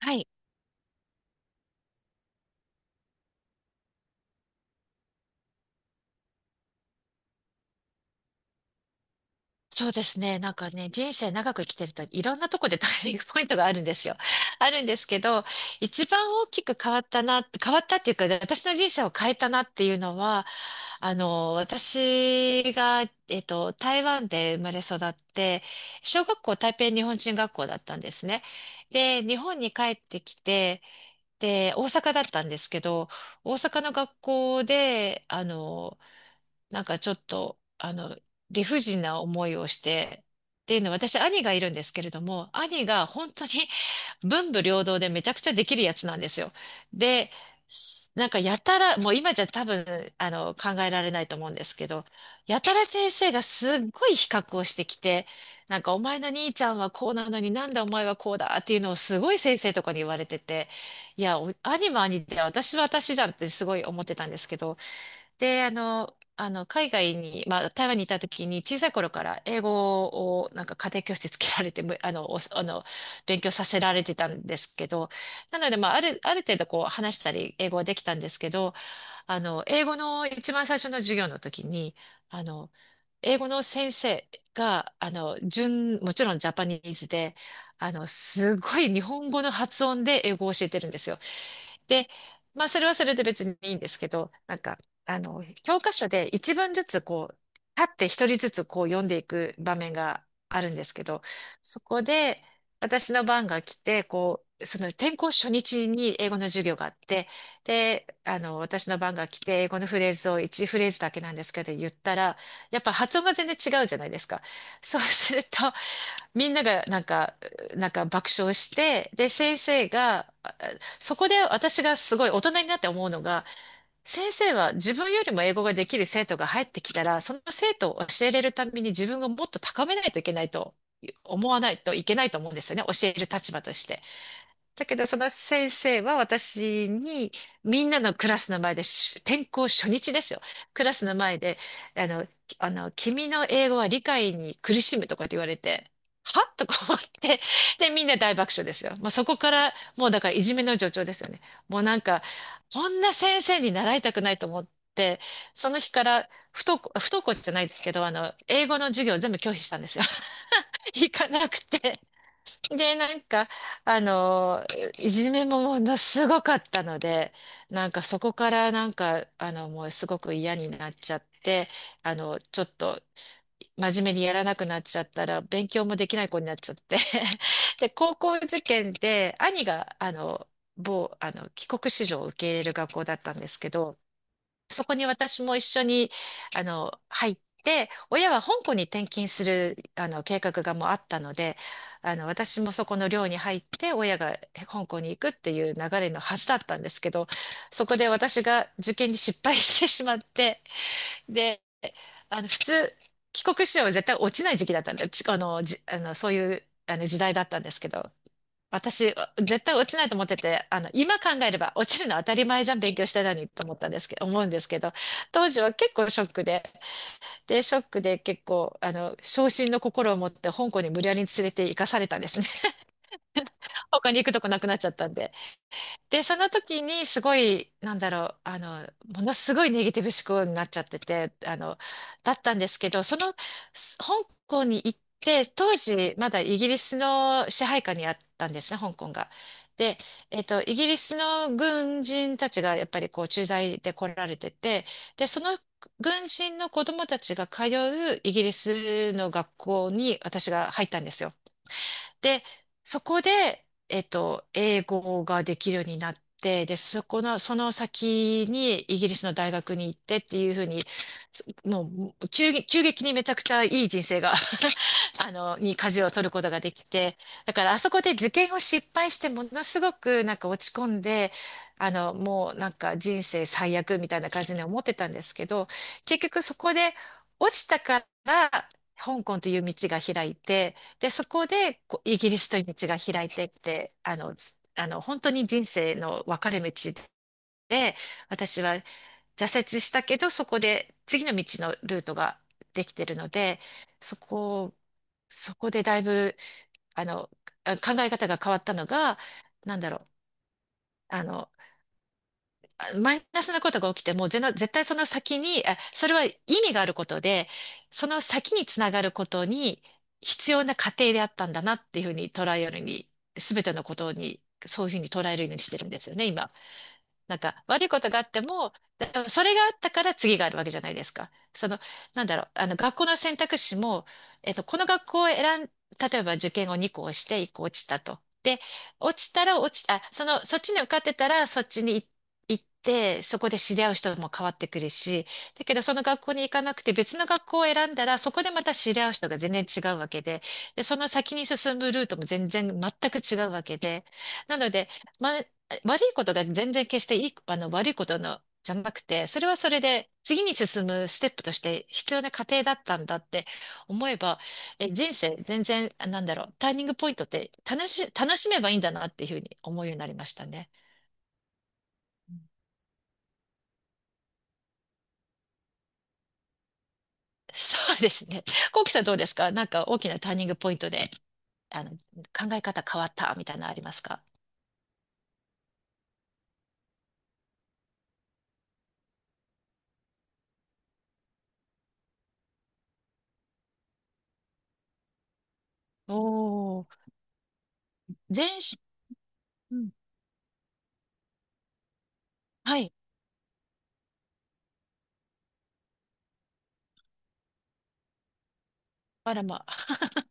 はい。そうですね。なんかね、人生長く生きてるといろんなとこでターニングポイントがあるんですよ。あるんですけど、一番大きく変わったな、変わったっていうか、私の人生を変えたなっていうのは、私が、台湾で生まれ育って、小学校台北日本人学校だったんですね。で、日本に帰ってきて、で、大阪だったんですけど、大阪の学校で、なんかちょっと、理不尽な思いをして、っていうのは、私、兄がいるんですけれども、兄が本当に 文武両道でめちゃくちゃできるやつなんですよ。で、なんかやたら、もう今じゃ多分、考えられないと思うんですけど、やたら先生がすっごい比較をしてきて、なんかお前の兄ちゃんはこうなのになんでお前はこうだっていうのをすごい先生とかに言われてて、いや、お兄も兄で私は私じゃんってすごい思ってたんですけど、で、海外に、まあ、台湾にいた時に、小さい頃から英語を、なんか家庭教師つけられて、むあの、おあの、勉強させられてたんですけど、なので、まあ、ある程度こう、話したり、英語はできたんですけど、英語の一番最初の授業の時に、あの、英語の先生が、もちろんジャパニーズで、すごい日本語の発音で英語を教えてるんですよ。で、まあ、それはそれで別にいいんですけど、なんか、教科書で一文ずつこう、立って一人ずつこう読んでいく場面があるんですけど、そこで私の番が来て、こう、その転校初日に英語の授業があって、で、私の番が来て、英語のフレーズを一フレーズだけなんですけど言ったら、やっぱ発音が全然違うじゃないですか。そうすると、みんながなんか、爆笑して、で、先生が、そこで私がすごい大人になって思うのが、先生は自分よりも英語ができる生徒が入ってきたら、その生徒を教えれるために自分がもっと高めないといけないと思わないといけないと思うんですよね。教える立場として。だけど、その先生は私に、みんなのクラスの前で、転校初日ですよ。クラスの前で、あの、きあの、君の英語は理解に苦しむとかって言われて、はとか思って、で、みんな大爆笑ですよ。もうそこから、もうだからいじめの助長ですよね。もうなんか、こんな先生に習いたくないと思って、その日から不登校、不登校じゃないですけど、英語の授業を全部拒否したんですよ。行かなくて。で、なんか、あの、いじめもものすごかったので、なんかそこからなんか、もうすごく嫌になっちゃって、ちょっと真面目にやらなくなっちゃったら、勉強もできない子になっちゃって。で、高校受験で、兄が、某、帰国子女を受け入れる学校だったんですけど、そこに私も一緒に、入って、親は香港に転勤する、計画がもうあったので、私もそこの寮に入って、親が香港に行くっていう流れのはずだったんですけど、そこで私が受験に失敗してしまって、で、普通、帰国子女は絶対落ちない時期だったんで、ちあの、じ、あの、そういう、あの時代だったんですけど、私、絶対落ちないと思ってて、今考えれば落ちるのは当たり前じゃん、勉強してたのにと思ったんですけど、思うんですけど、当時は結構ショックで、で、ショックで結構、傷心の心を持って香港に無理やり連れて行かされたんですね。他に行くとこなくなっちゃったんで。で、その時にすごい、なんだろう、ものすごいネガティブ思考になっちゃってて、だったんですけど、その、香港に行って、当時、まだイギリスの支配下にあったんですね、香港が。で、イギリスの軍人たちがやっぱりこう駐在で来られてて、で、その軍人の子供たちが通うイギリスの学校に私が入ったんですよ。で、そこで、英語ができるようになって、で、そこの、その先にイギリスの大学に行ってっていうふうに、もう急激にめちゃくちゃいい人生が に舵を取ることができて、だからあそこで受験を失敗してものすごくなんか落ち込んで、もうなんか人生最悪みたいな感じに思ってたんですけど、結局そこで落ちたから香港という道が開いて、で、そこでこうイギリスという道が開いてって、あの、つあの、本当に人生の分かれ道で、私は挫折したけど、そこで次の道のルートができてるので、そこをそこでだいぶ、あの、考え方が変わったのが、なんだろう、あの、マイナスなことが起きても、絶対その先に、それは意味があることで、その先につながることに必要な過程であったんだなっていうふうに捉えるように、すべてのことに、そういうふうに捉えるようにしてるんですよね、今。なんか悪いことがあっても、それがあったから次があるわけじゃないですか。その、なんだろう、あの学校の選択肢も、えっと、この学校を選ん、例えば受験を2校して1校落ちたと。で、落ちたら落ち、あ、その、そっちに受かってたらそっちに行って、そこで知り合う人も変わってくるし、だけどその学校に行かなくて別の学校を選んだらそこでまた知り合う人が全然違うわけで、で、その先に進むルートも全然全く違うわけで、なので、ま、悪いことが全然決していい、悪いことの、じゃなくて、それはそれで次に進むステップとして必要な過程だったんだって思えば、人生全然、なんだろう、ターニングポイントって楽しめばいいんだなっていうふうに思うようになりましたね。そうですね。コウキさんどうですか、なんか大きなターニングポイントで、考え方変わったみたいなのありますか？おー、全身、うん、はい、あらま。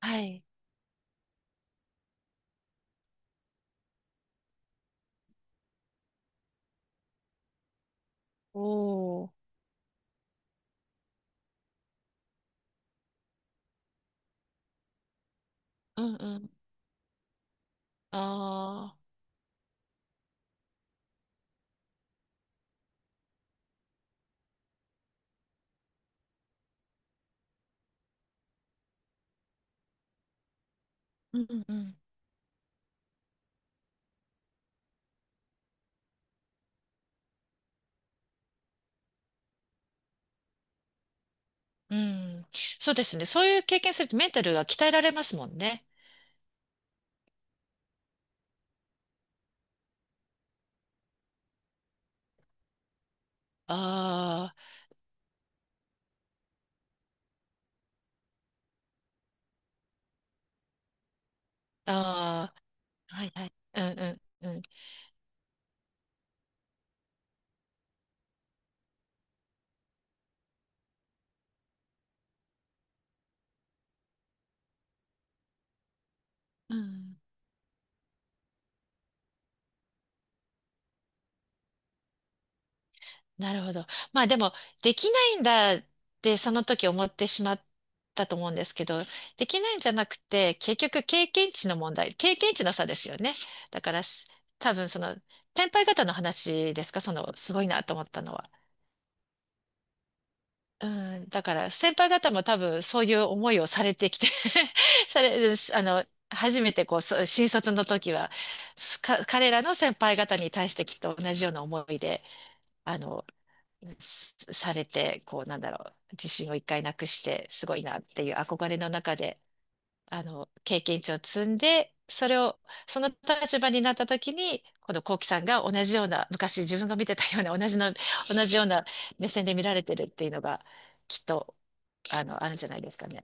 はい。おー、うんうん。あー。うんうん。うん、そうですね。そういう経験するとメンタルが鍛えられますもんね。ああ、ああ、はいはい。うんうんうん。うん、なるほど。まあでも、できないんだってその時思ってしまったと思うんですけど、できないんじゃなくて、結局経験値の問題、経験値の差ですよね。だから、多分その、先輩方の話ですか、その、すごいなと思ったのは。うん、だから先輩方も多分そういう思いをされてきて され、あの、初めてこう、そう新卒の時は、彼らの先輩方に対してきっと同じような思いで、あの、すされて、こう、なんだろう、自信を一回なくして、すごいなっていう憧れの中で経験値を積んで、それを、その立場になった時に、この幸輝さんが同じような、昔自分が見てたような、同じの、同じような目線で見られてるっていうのが、きっと、あるんじゃないですかね。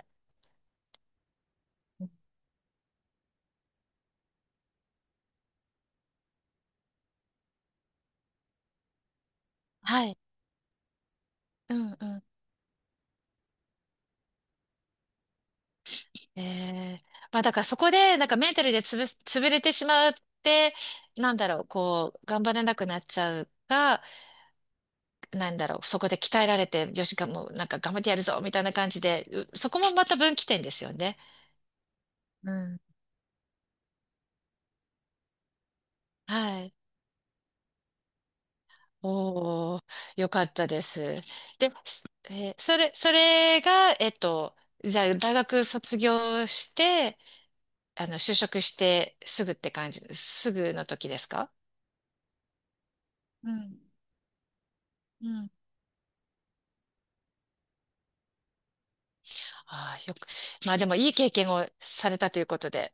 はい。うんうん。ええ、まあだからそこで、なんかメンタルで潰す、潰れてしまって、なんだろう、こう、頑張れなくなっちゃうか、なんだろう、そこで鍛えられて、よし、もう、なんか頑張ってやるぞ、みたいな感じで、そこもまた分岐点ですよね。うん、はい。おー、よかったです。で、すえーそれが、じゃあ、大学卒業して、就職してすぐって感じ、すぐの時ですか？うん。うん。ああ、まあでもいい経験をされたということで。